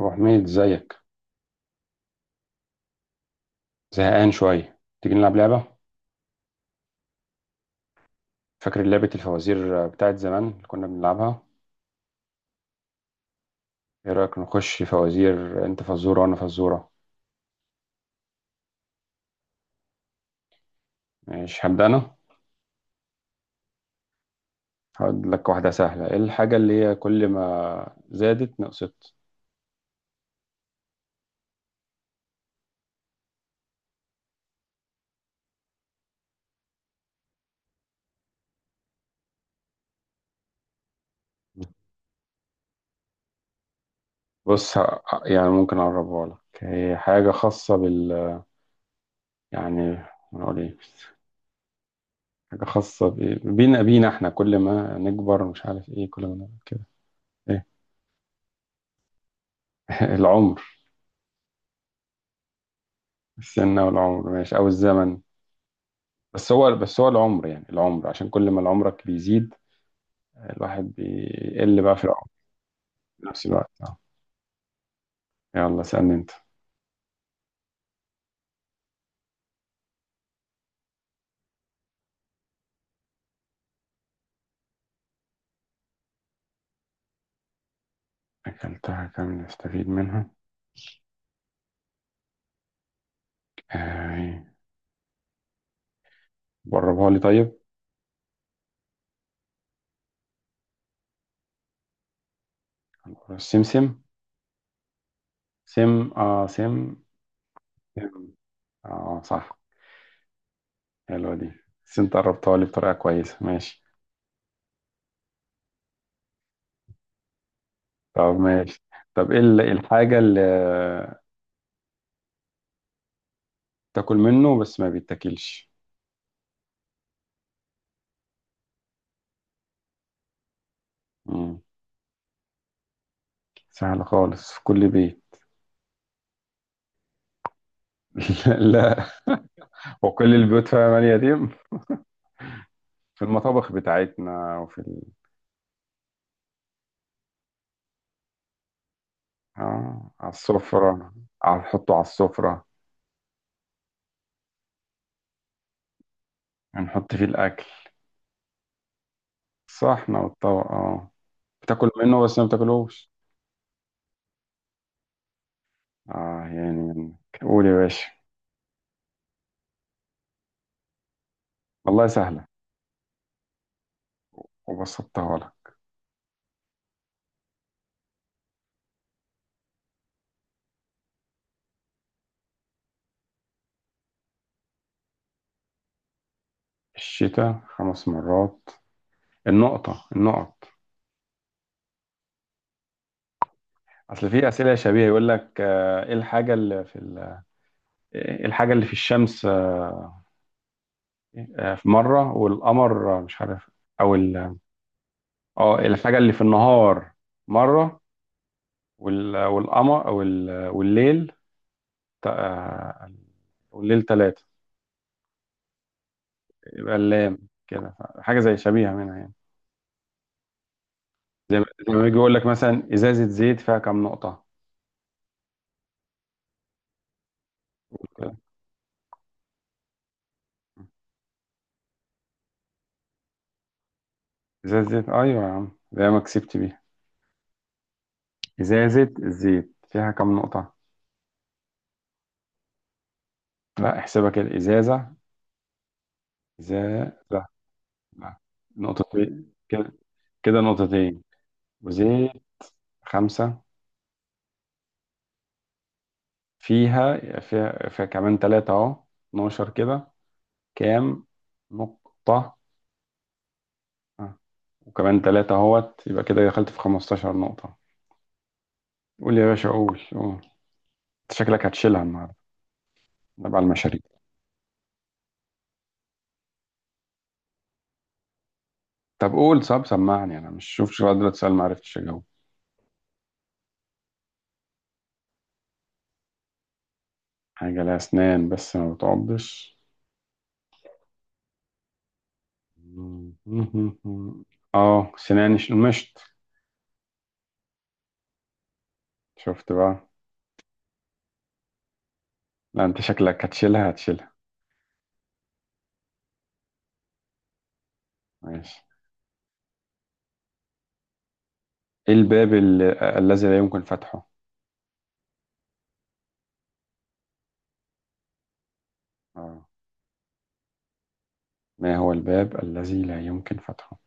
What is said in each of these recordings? أبو حميد، ازيك؟ زهقان شوية. تيجي نلعب لعبة؟ فاكر لعبة الفوازير بتاعت زمان اللي كنا بنلعبها؟ ايه رأيك نخش فوازير؟ انت فزورة وانا فزورة. ماشي، هبدأ انا. هقول لك واحدة سهلة. ايه الحاجة اللي هي كل ما زادت نقصت؟ بص، يعني ممكن أقربها لك. هي حاجة خاصة بال... يعني... نقول ايه؟ حاجة خاصة ب- بينا بينا، احنا كل ما نكبر مش عارف ايه كل ما نعمل كده. ايه؟ العمر. السن والعمر، ماشي، أو الزمن. بس هو العمر، يعني العمر عشان كل ما العمرك بيزيد. الواحد بيقل بقى في العمر. في نفس الوقت، اه. يلا اسألني انت. اكلتها كامل نستفيد منها؟ آه، جربها لي طيب. السمسم. سم. اه، سم. سم. اه، صح. حلوة دي. بس انت قربتها لي بطريقة كويسة، ماشي. طب ماشي. طب ايه الحاجة اللي تاكل منه بس ما بيتاكلش؟ مم. سهلة خالص، في كل بيت. لا. وكل البيوت فيها مال يتيم. في المطابخ بتاعتنا وفي ال... آه، على السفرة. على، نحطه على السفرة. هنحط فيه الأكل. الصحن والطبق، اه. بتاكل منه بس ما بتاكلوش. اه يعني قول يا باشا. والله سهلة. وبسطتها لك. الشتاء خمس مرات. النقطة، النقط. أصل في أسئلة شبيهة يقول لك إيه الحاجة اللي في ال... إيه الحاجة اللي في الشمس في مرة والقمر مش عارف. أو ال... اه، الحاجة اللي في النهار مرة والقمر والليل تا- والليل ثلاثة. يبقى اللام. كده حاجة زي شبيهة منها يعني. زي ما يجي يقول لك مثلا إزازة زيت فيها كام نقطة. كده. إزازة زيت، أيوة يا عم، زي ما كسبت بيها. إزازة الزيت فيها كام نقطة؟ لا احسبها كده. إزازة، إزازة، لا. لا، نقطتين كده. كده نقطتين. وزيت. خمسة. فيها كمان ثلاثة أهو. 12 كده. كام نقطة؟ آه. وكمان تلاتة اهوت، يبقى كده دخلت في 15 نقطة. قول يا باشا، قول، قول. انت شكلك هتشيلها النهاردة. تبع المشاريع. طب قول، طب سمعني، انا مش شوف قادر اتسأل ما عرفتش اجاوب. حاجة لها اسنان بس ما بتعضش؟ اه سناني، مشط. شفت بقى. لا، انت شكلك هتشيلها هتشيلها. ماشي. ايه الباب الذي لا يمكن فتحه؟ اه. ما هو الباب الذي لا يمكن فتحه؟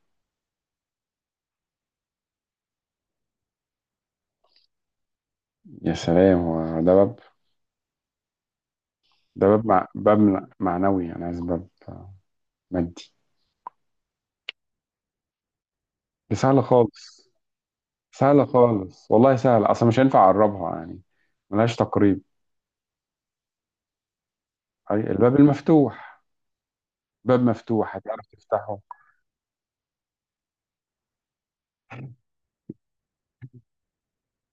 يا سلام، هو ده باب؟ ده باب مع... باب معنوي، انا عايز باب مادي. دي سهلة خالص. سهلة خالص، والله سهلة أصلا، مش هينفع أقربها يعني. ملهاش تقريب. أي الباب المفتوح. باب مفتوح هتعرف تفتحه؟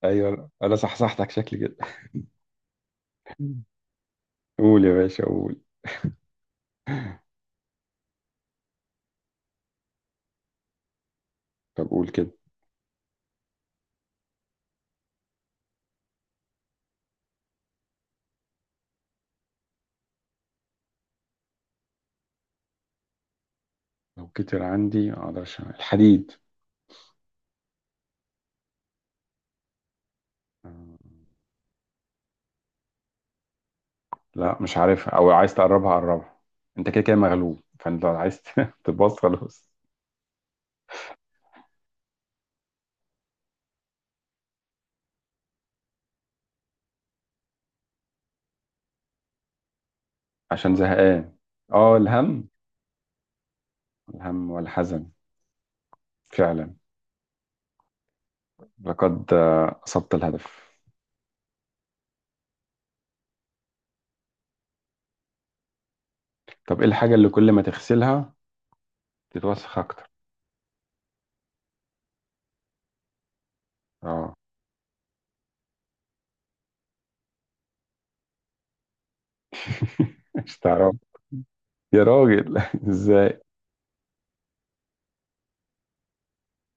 ايوه، انا صحصحتك شكلي كده. قول يا باشا، قول. طب قول كده. لو كتر عندي ما أقدرش أعمل. الحديد. آه، لا مش عارفها، أو عايز تقربها قربها. أنت كده كده مغلوب، فأنت لو عايز تبص، خلاص. عشان زهقان. أه، الهم. الهم والحزن. فعلا. لقد أصبت الهدف. طب ايه الحاجة اللي كل ما تغسلها تتوسخ اكتر؟ اه. مش تعرف؟ يا راجل ازاي؟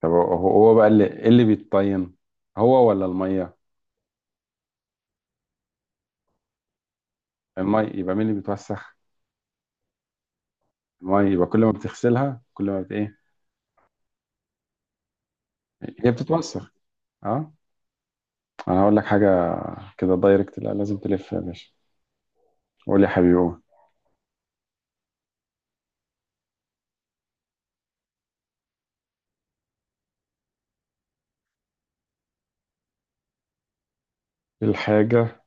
طب هو بقى اللي إيه اللي بيتطين، هو ولا المية؟ المية، يبقى مين اللي بيتوسخ؟ المية، يبقى كل ما بتغسلها كل ما بت ايه. هي بتتوسخ. اه. انا هقول لك حاجة. كده دايركت، لا لازم تلف يا باشا. قول يا حبيبي، قول. إيه الحاجة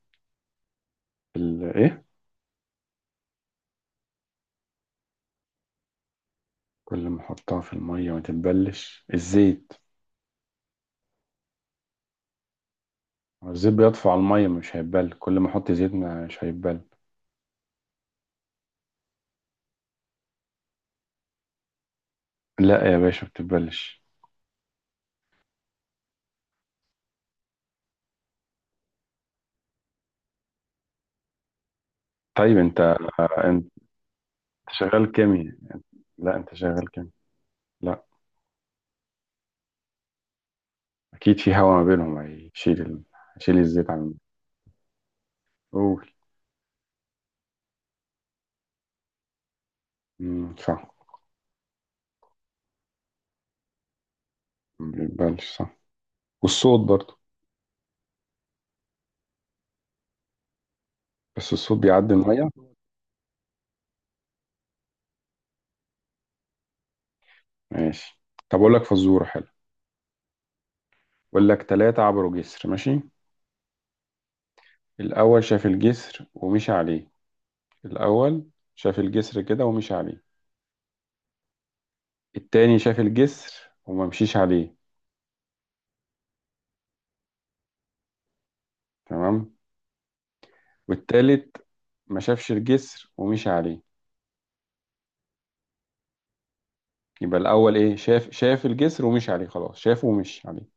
اللي ايه كل ما احطها في المية ما تتبلش؟ الزيت. هو الزيت بيطفو على المية، مش هيتبل، كل ما احط زيت مش هيتبل. لا يا باشا بتتبلش. طيب انت، انت شغال كيمياء. لا انت شغال كيمياء. لا. اكيد في هوا ما بينهم هيشيل ال... هيشيل الزيت عن. قول. مم، صح. ما بيقبلش، صح. والصوت برضه. بس الصوت بيعدي الميه. ماشي. طب اقول لك فزوره حلو. اقول لك، ثلاثه عبروا جسر، ماشي. الاول شاف الجسر ومشي عليه. الاول شاف الجسر كده ومشي عليه. التاني شاف الجسر وما مشيش عليه. تمام. والتالت ما شافش الجسر ومشي عليه. يبقى الأول إيه، شاف الجسر ومشي عليه، خلاص شافه ومشي عليه.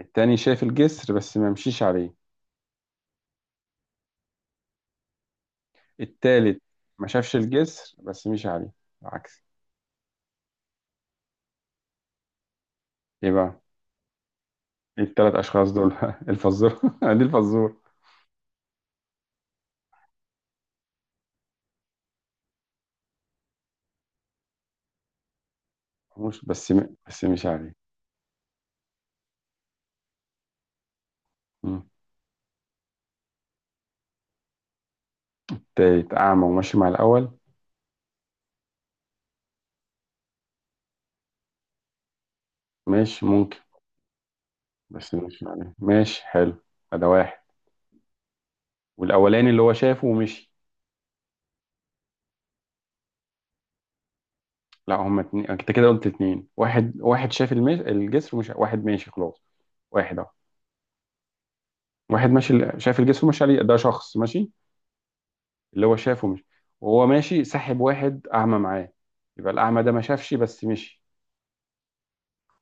التاني شاف الجسر بس ما مشيش عليه. التالت ما شافش الجسر بس مشي عليه. العكس. إيه بقى؟ إيه التلات أشخاص دول؟ الفزورة دي الفزورة. مش بس م... بس مشي عليه. مم. التالت أعمى وماشي مع الأول. ماشي، ممكن. بس مشي عليه، ماشي حلو. ده واحد. والأولاني اللي هو شافه ومشي. لا هما اتنين، أنت كده قلت اتنين. واحد واحد شاف المش... الجسر ومش واحد ماشي خلاص. واحد أهو. واحد ماشي شايف الجسر ماشي عليه، ده شخص ماشي. اللي هو شافه مش، وهو ماشي سحب واحد أعمى معاه. يبقى الأعمى ده ما شافش بس مشي.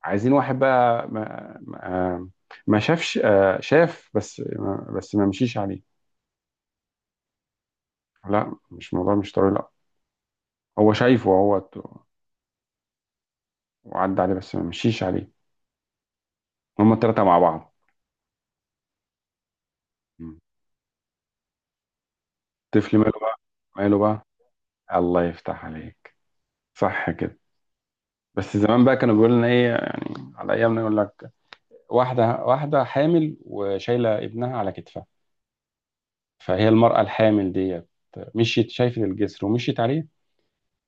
عايزين واحد بقى ما شافش، شاف بس ما مشيش عليه. لا مش موضوع، مش طريق، لا. هو شايفه، هو وعدى عليه بس ما مشيش عليه. هما التلاتة مع بعض. مم. الطفل ماله بقى؟ ماله بقى؟ الله يفتح عليك. صح كده. بس زمان بقى كانوا بيقولوا لنا ايه، يعني على ايامنا يقول لك واحدة، واحدة حامل وشايلة ابنها على كتفها. فهي المرأة الحامل ديت، مشيت شايفة الجسر ومشيت عليه.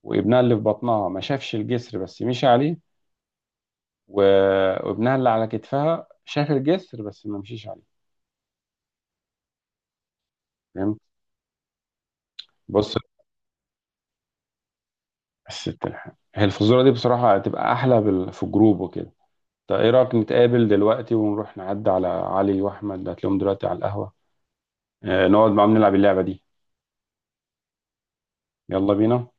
وابنها اللي في بطنها ما شافش الجسر بس مشي عليه. و- وابنها اللي على كتفها شاف الجسر بس ما مشيش عليه. فهمت؟ بص، الست الحامل هي الفزورة دي، بصراحة هتبقى أحلى بال... في الجروب وكده. طيب إيه رأيك نتقابل دلوقتي ونروح نعدي على علي وأحمد؟ هتلاقيهم دلوقتي على القهوة. نقعد معاهم نلعب اللعبة دي. يلا بينا.